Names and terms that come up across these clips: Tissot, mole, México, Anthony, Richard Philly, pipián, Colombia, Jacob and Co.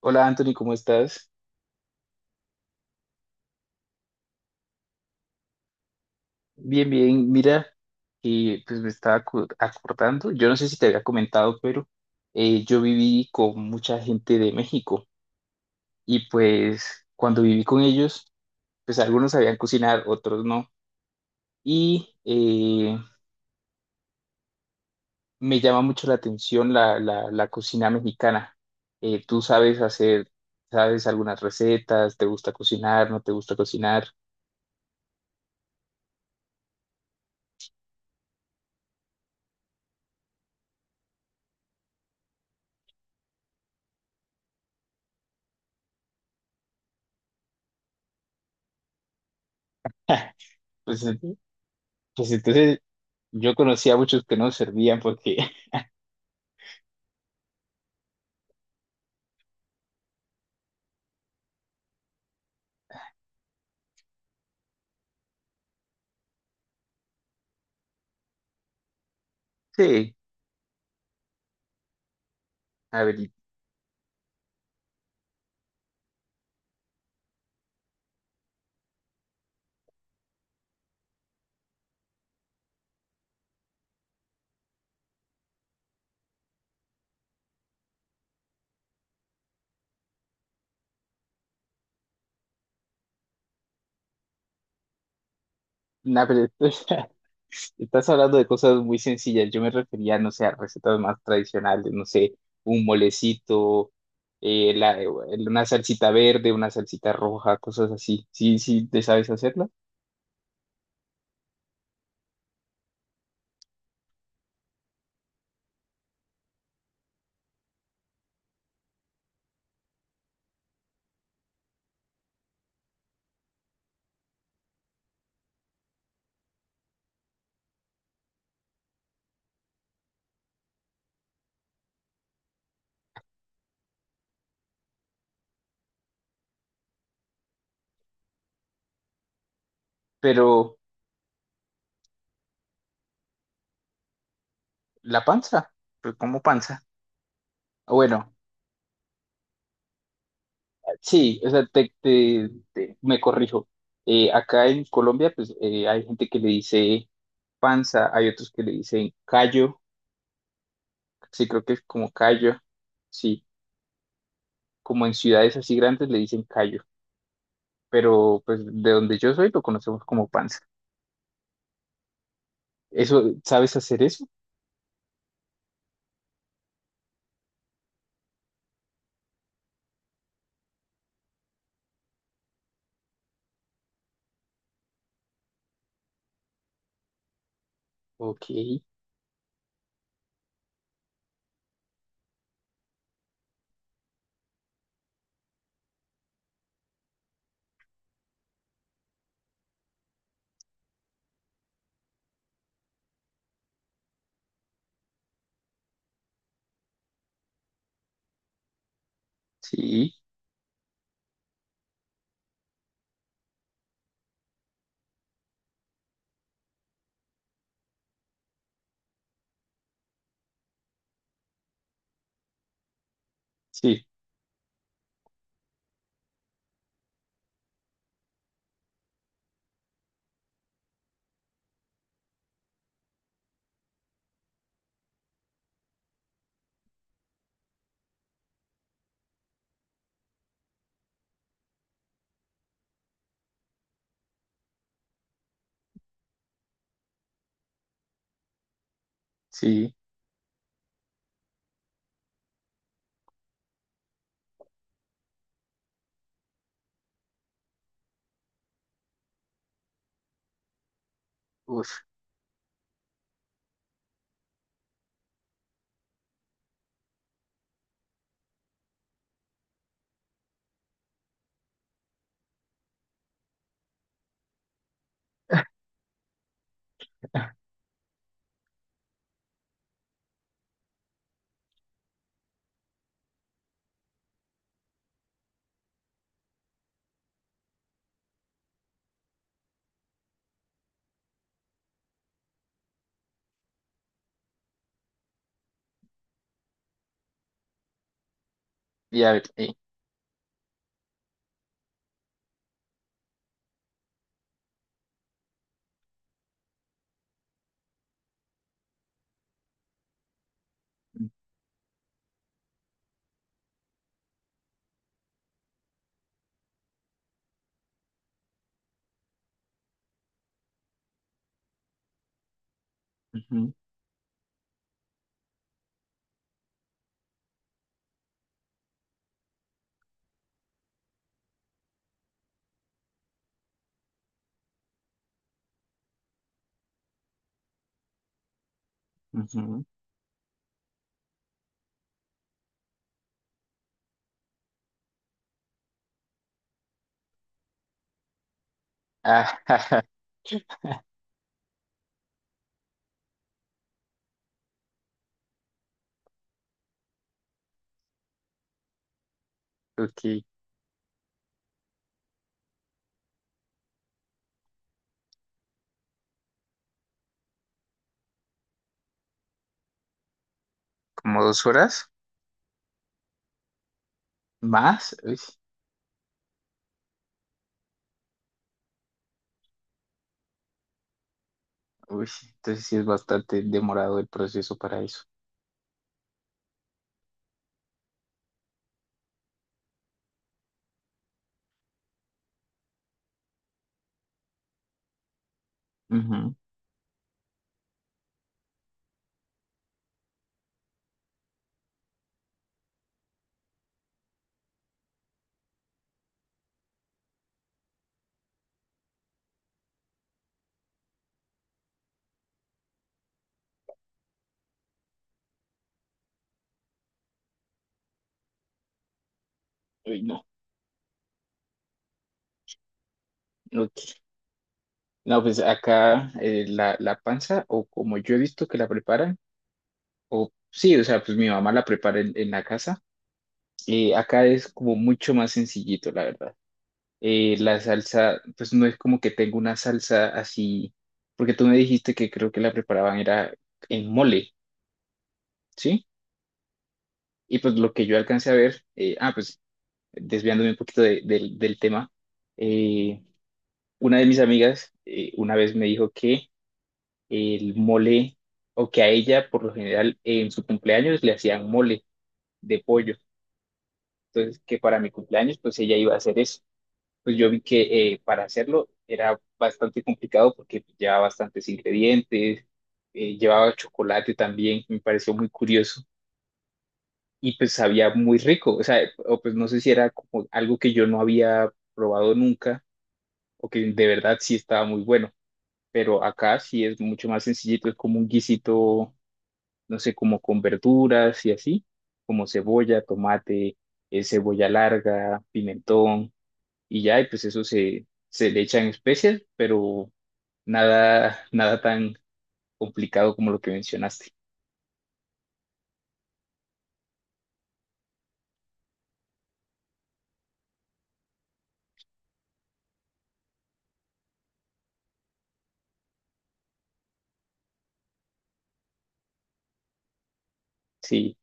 Hola Anthony, ¿cómo estás? Bien, bien. Mira, pues me estaba acordando, yo no sé si te había comentado, pero yo viví con mucha gente de México y pues cuando viví con ellos, pues algunos sabían cocinar, otros no. Y me llama mucho la atención la cocina mexicana. ¿Tú sabes hacer, sabes algunas recetas? ¿Te gusta cocinar? ¿No te gusta cocinar? Pues, pues entonces yo conocía a muchos que no servían porque... Sí, a ver, na, pero o sea, estás hablando de cosas muy sencillas. Yo me refería, no sé, a recetas más tradicionales, no sé, un molecito, una salsita verde, una salsita roja, cosas así. Sí, sí, te sabes hacerla. Pero la panza, pues como panza. Bueno, sí, o sea, me corrijo. Acá en Colombia, pues hay gente que le dice panza, hay otros que le dicen callo, sí, creo que es como callo. Sí, como en ciudades así grandes le dicen callo, pero pues de donde yo soy lo conocemos como panza. ¿Eso, sabes hacer eso? Ok, sí, sí, sí. Uf, y a ver, ujú, ujú. Ah, jaja, ok, como 2 horas más. Uy, uy, entonces sí es bastante demorado el proceso para eso. Ujú. Uy, no, ok. No, pues acá la panza, o como yo he visto que la preparan, o sí, o sea, pues mi mamá la prepara en la casa. Acá es como mucho más sencillito, la verdad. La salsa, pues no es como que tengo una salsa así, porque tú me dijiste que creo que la preparaban era en mole, ¿sí? Y pues lo que yo alcancé a ver, ah, pues desviándome un poquito del del tema, eh, una de mis amigas una vez me dijo que el mole, o que a ella por lo general en su cumpleaños le hacían mole de pollo. Entonces, que para mi cumpleaños, pues ella iba a hacer eso. Pues yo vi que para hacerlo era bastante complicado porque llevaba bastantes ingredientes, llevaba chocolate también, me pareció muy curioso y pues sabía muy rico. O sea, o pues no sé si era como algo que yo no había probado nunca o que de verdad sí estaba muy bueno, pero acá sí es mucho más sencillito, es como un guisito, no sé, como con verduras y así, como cebolla, tomate, cebolla larga, pimentón y ya, y pues eso se le echa en especias, pero nada tan complicado como lo que mencionaste. Sí,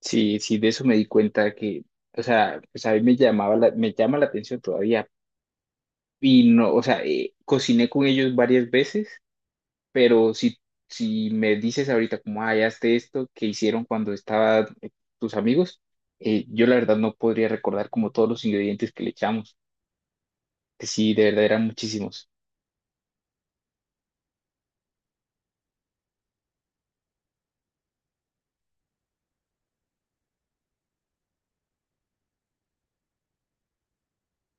sí, sí, de eso me di cuenta que, o sea, pues a mí me llama la atención todavía. Y no, o sea, cociné con ellos varias veces, pero si, si me dices ahorita como, ah, ya hazte esto que hicieron cuando estaban tus amigos, yo la verdad no podría recordar como todos los ingredientes que le echamos, que sí, de verdad eran muchísimos.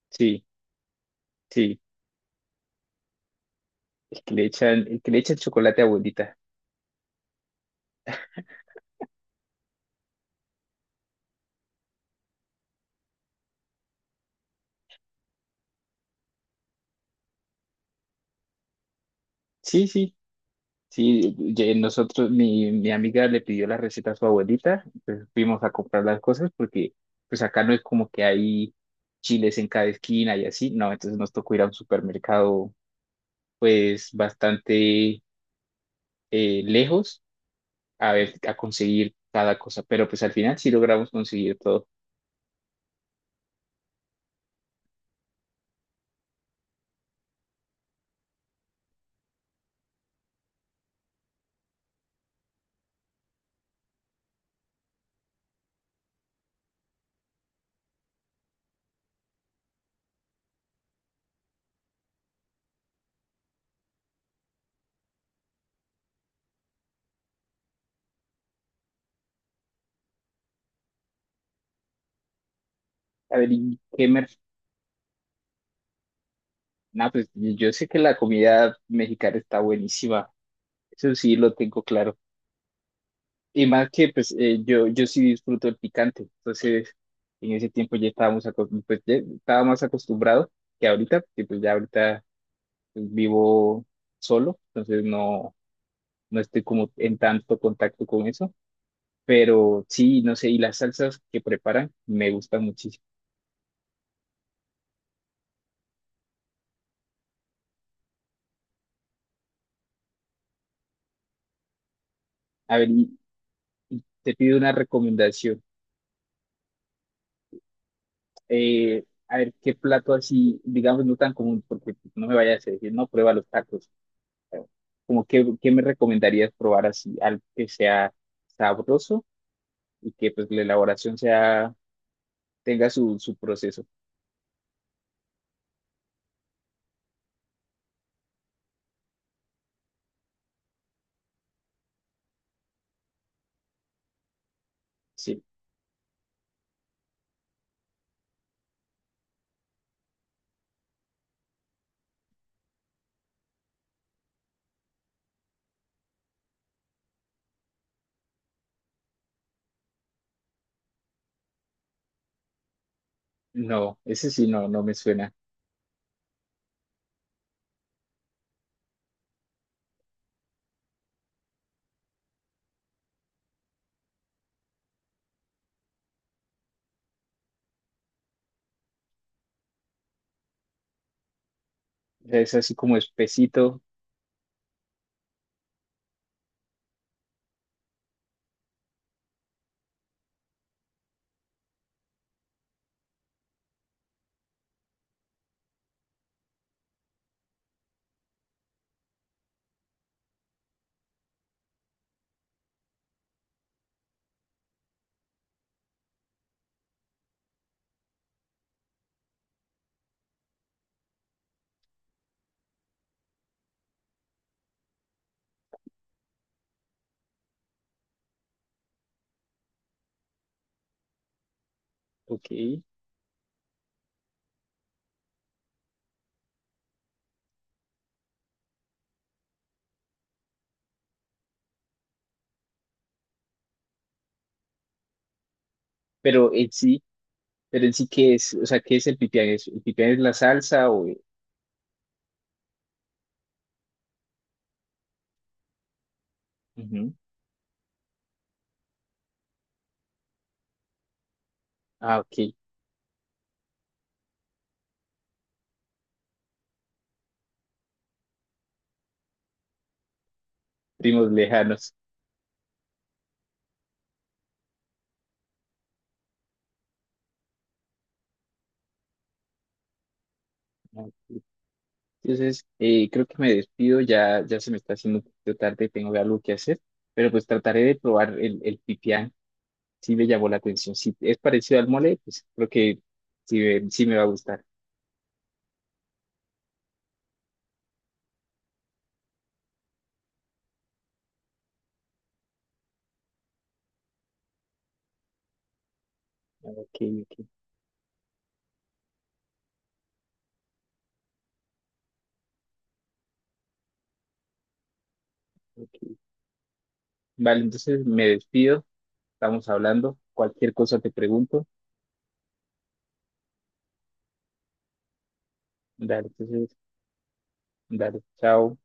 Sí, sí. El que le echan, el que le echa el chocolate a abuelita. Sí, sí, sí. ye- Nosotros, mi amiga le pidió la receta a su abuelita, entonces fuimos a comprar las cosas porque pues acá no es como que hay chiles en cada esquina y así, no, entonces nos tocó ir a un supermercado pues bastante lejos a ver, a conseguir cada cosa, pero pues al final sí logramos conseguir todo. A ver, ¿y qué mer- no, pues yo sé que la comida mexicana está buenísima, eso sí lo tengo claro. Y más que pues yo sí disfruto el picante, entonces en ese tiempo ya estábamos acostumbrados, pues ya estaba más acostumbrado que ahorita, porque pues ya ahorita pues, vivo solo, entonces no, no estoy como en tanto contacto con eso, pero sí, no sé, y las salsas que preparan me gustan muchísimo. A ver, y te pido una recomendación. Eh, a ver, ¿qué plato así, digamos, no tan común, porque no me vayas a decir, no, prueba los tacos, como que, ¿qué me recomendarías probar así? Algo que sea sabroso y que pues tenga su proceso. Sí, no, ese sí no, no me suena. O sea, es así como espesito, ok. Pero en sí, pero en sí, ¿qué es? O sea, ¿qué es el pipián? ¿Es- ¿el pipián es la salsa o...? Ujú. Ah, ok. Primos lejanos. Ok. Entonces, creo que me despido, ya se me está haciendo un poquito tarde, tengo algo que hacer, pero pues trataré de probar el pipián. Sí me llamó la atención. Si es parecido al mole, pues creo que sí, sí me va a gustar. Ah, ok, ok, ok. Vale, entonces me despido. Estamos hablando. Cualquier cosa te pregunto. Dale, entonces, dale. Chao.